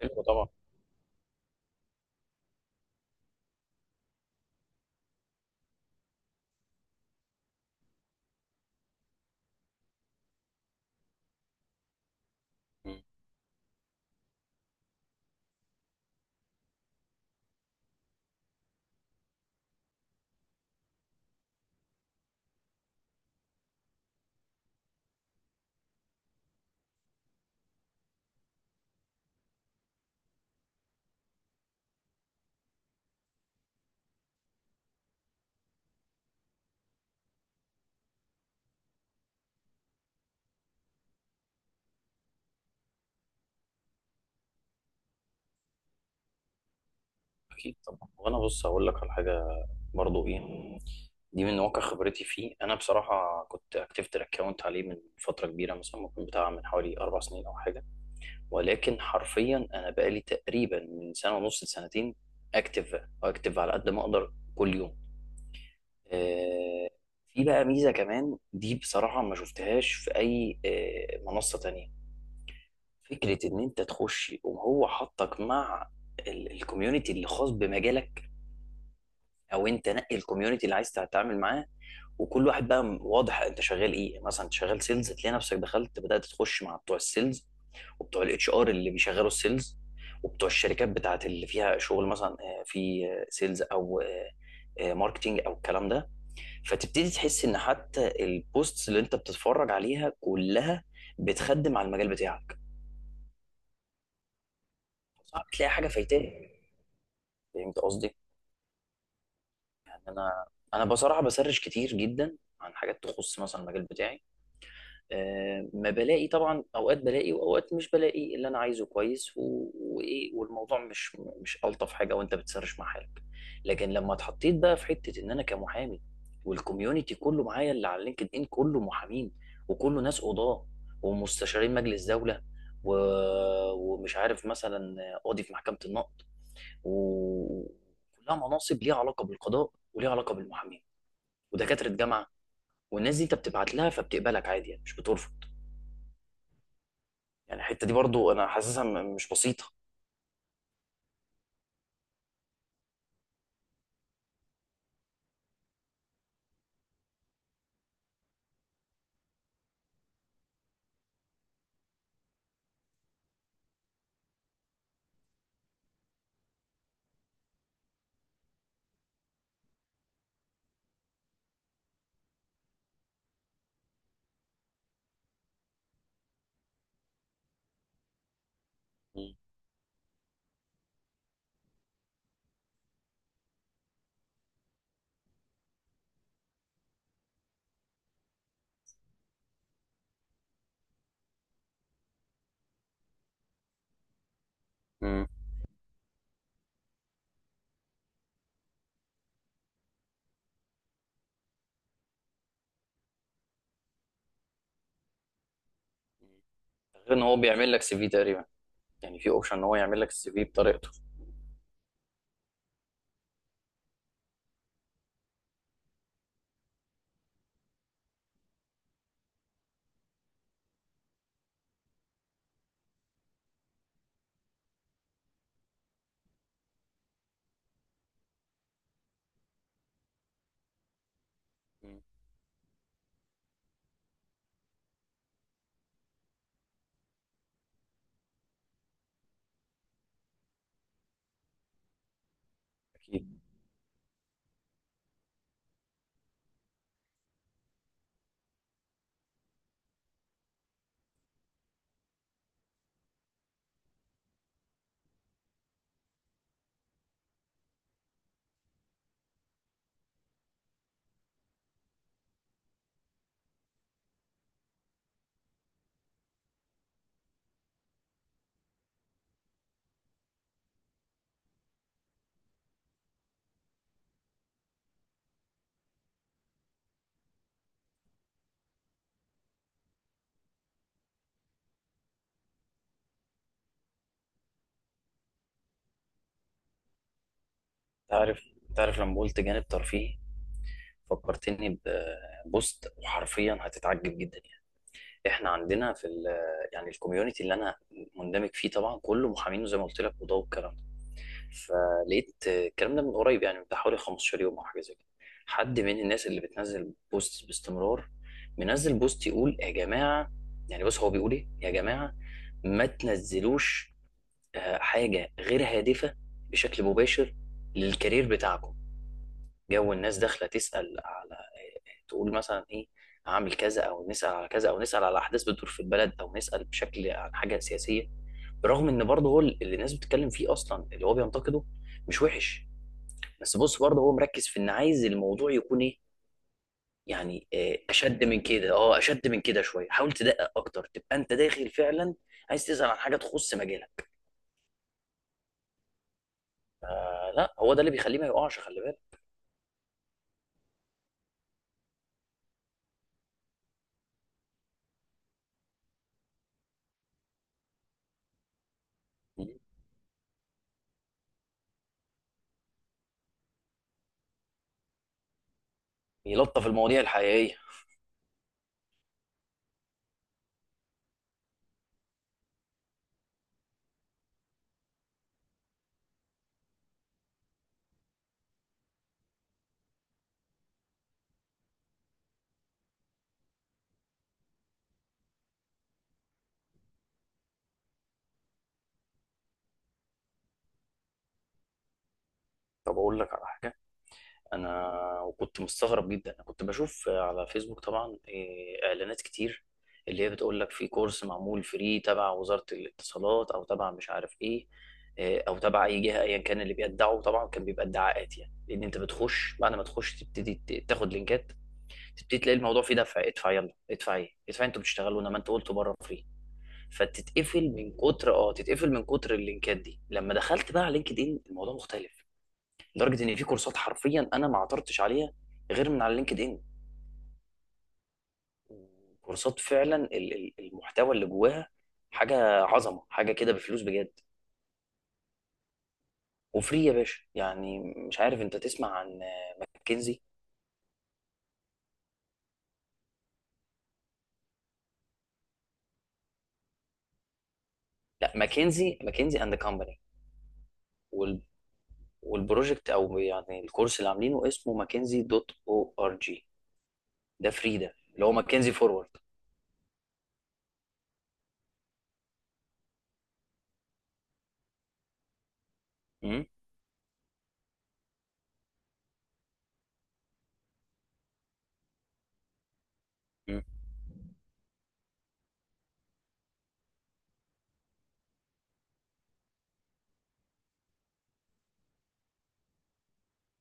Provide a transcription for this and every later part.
حلو طبعا. مم. اكيد طبعا، وانا بص هقول لك على حاجه برضو ايه. دي من واقع خبرتي فيه. انا بصراحه كنت اكتفت الاكونت عليه من فتره كبيره، مثلا ممكن بتاع من حوالي 4 سنين او حاجه، ولكن حرفيا انا بقالي تقريبا من سنه ونص لسنتين اكتف اكتف على قد ما اقدر كل يوم. آه، في بقى ميزه كمان دي بصراحه ما شفتهاش في اي منصه تانية. فكرة إن أنت تخش وهو حطك مع الكوميونتي اللي خاص بمجالك، أو أنت نقي الكوميونتي اللي عايز تتعامل معاه، وكل واحد بقى واضح أنت شغال إيه. يعني مثلا أنت شغال سيلز، هتلاقي نفسك دخلت بدأت تخش مع بتوع السيلز وبتوع الاتش ار اللي بيشغلوا السيلز وبتوع الشركات بتاعت اللي فيها شغل مثلا في سيلز أو ماركتينج أو الكلام ده. فتبتدي تحس إن حتى البوستس اللي أنت بتتفرج عليها كلها بتخدم على المجال بتاعك. صعب تلاقي حاجة فايتاك. فهمت قصدي؟ انا انا بصراحه بسرش كتير جدا عن حاجات تخص مثلا المجال بتاعي. أه ما بلاقي، طبعا اوقات بلاقي واوقات مش بلاقي اللي انا عايزه كويس، وايه، والموضوع مش الطف حاجه وانت بتسرش مع حالك. لكن لما اتحطيت بقى في حته ان انا كمحامي، والكوميونتي كله معايا اللي على لينكد ان كله محامين، وكله ناس قضاه ومستشارين مجلس دوله و... ومش عارف مثلا قاضي في محكمه النقض، وكلها مناصب ليها علاقه بالقضاء وليها علاقه بالمحامين ودكاتره جامعه. والناس دي انت بتبعت لها فبتقبلك عادي، يعني مش بترفض. يعني الحته دي برضو انا حاسسها مش بسيطه. مم. مم. غير ان هو بيعمل لك سي في تقريبا، يعني في اوبشن ان هو يعمل لك السي في بطريقته. مم. اكيد. تعرف تعرف لما قلت جانب ترفيهي، فكرتني ببوست وحرفيا هتتعجب جدا. يعني احنا عندنا في ال، يعني الكوميونتي اللي انا مندمج فيه طبعا كله محامين زي ما قلت لك وضوء والكلام. فلقيت الكلام ده من قريب، يعني من بتاع حوالي 15 يوم او حاجه زي كده، حد من الناس اللي بتنزل بوست باستمرار منزل بوست يقول يا جماعه. يعني بص هو بيقول ايه؟ يا جماعه، ما تنزلوش حاجه غير هادفه بشكل مباشر للكارير بتاعكم. جو الناس داخله تسال على، تقول مثلا ايه؟ هعمل كذا، او نسال على كذا، او نسال على احداث بتدور في البلد، او نسال بشكل عن حاجه سياسيه. برغم ان برضه هو اللي الناس بتتكلم فيه اصلا اللي هو بينتقده، مش وحش. بس بص برضه هو مركز في ان عايز الموضوع يكون ايه. يعني اشد من كده، اه اشد من كده شويه، حاول تدقق اكتر تبقى انت داخل فعلا عايز تسال عن حاجه تخص مجالك. لا هو ده اللي بيخليه ما يقعش، خلي بالك. يلطف المواضيع الحقيقيه. طب اقول لك على حاجه. انا وكنت مستغرب جدا، انا كنت بشوف على فيسبوك طبعا اعلانات كتير، اللي هي بتقول لك في كورس معمول فري تبع وزارة الاتصالات او تبع مش عارف ايه، او تبع اي جهة ايا كان. اللي بيدعوا طبعا كان بيبقى ادعاءات، يعني لان انت بتخش، بعد ما تخش تبتدي تاخد لينكات، تبتدي تلاقي الموضوع فيه دفع. ادفع يلا، ادفع ايه، ادفع إيه؟ انتوا بتشتغلوا، انما انت قلت بره فري. فتتقفل من كتر اه تتقفل من كتر اللينكات دي. لما دخلت بقى على لينكد ان، الموضوع مختلف، لدرجه ان في كورسات حرفيا انا ما عثرتش عليها غير من على لينكد ان. كورسات فعلا المحتوى اللي جواها حاجه عظمه، حاجه كده بفلوس بجد وفري يا باشا. يعني مش عارف انت تسمع عن ماكنزي؟ لا، ماكنزي اند كومباني، والبروجكت او يعني الكورس اللي عاملينه اسمه ماكنزي دوت او ار جي. ده فري، ده اللي هو ماكنزي فورورد. مم، مم،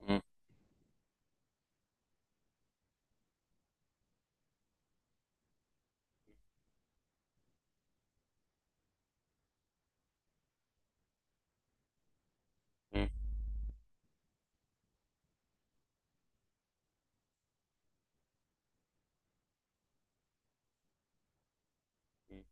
مم، مم، مم،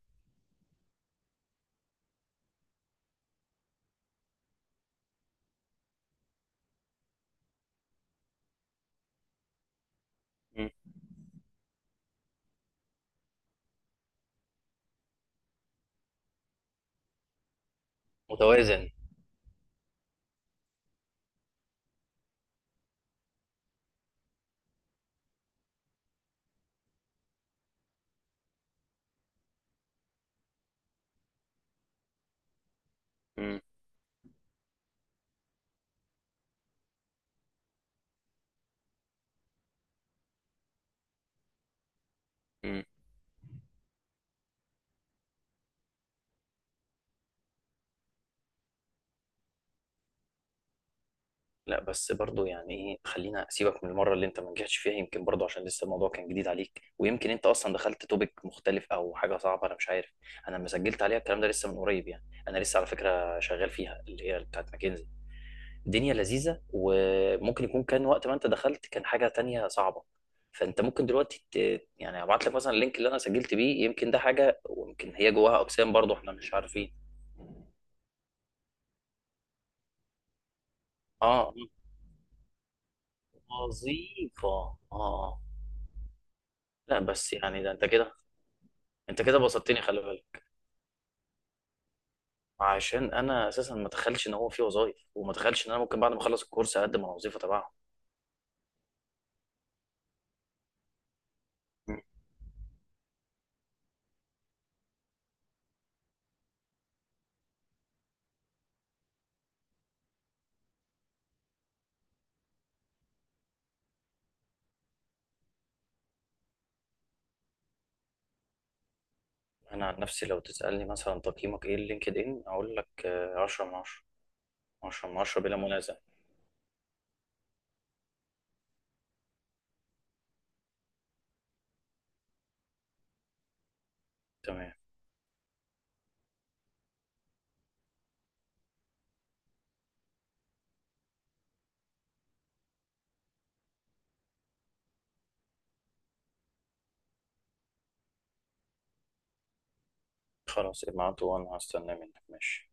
مم. متوازن. مم، مم. لا بس برضو، يعني ايه، خلينا سيبك من المره اللي انت ما نجحتش فيها. يمكن برضو عشان لسه الموضوع كان جديد عليك، ويمكن انت اصلا دخلت توبيك مختلف او حاجه صعبه، انا مش عارف. انا لما سجلت عليها الكلام ده لسه من قريب، يعني انا لسه على فكره شغال فيها اللي هي بتاعت ماكنزي. الدنيا لذيذه، وممكن يكون كان وقت ما انت دخلت كان حاجه تانية صعبه. فانت ممكن دلوقتي يعني ابعت لك مثلا اللينك اللي انا سجلت بيه. يمكن ده حاجه، ويمكن هي جواها اقسام برضو احنا مش عارفين. اه، وظيفه، اه آه. لا بس يعني ده انت كده، انت كده بسطتني خلي بالك، عشان انا اساسا ما اتخيلش ان هو في وظايف، وما اتخيلش ان انا ممكن بعد ما اخلص الكورس اقدم على وظيفه تبعهم. مم. انا عن نفسي لو تسالني مثلا تقييمك ايه لينكد ان، اقول لك 10 من 10. 10 من 10 بلا منازع. تمام. خلاص ابعته وانا هستنى منك، ماشي.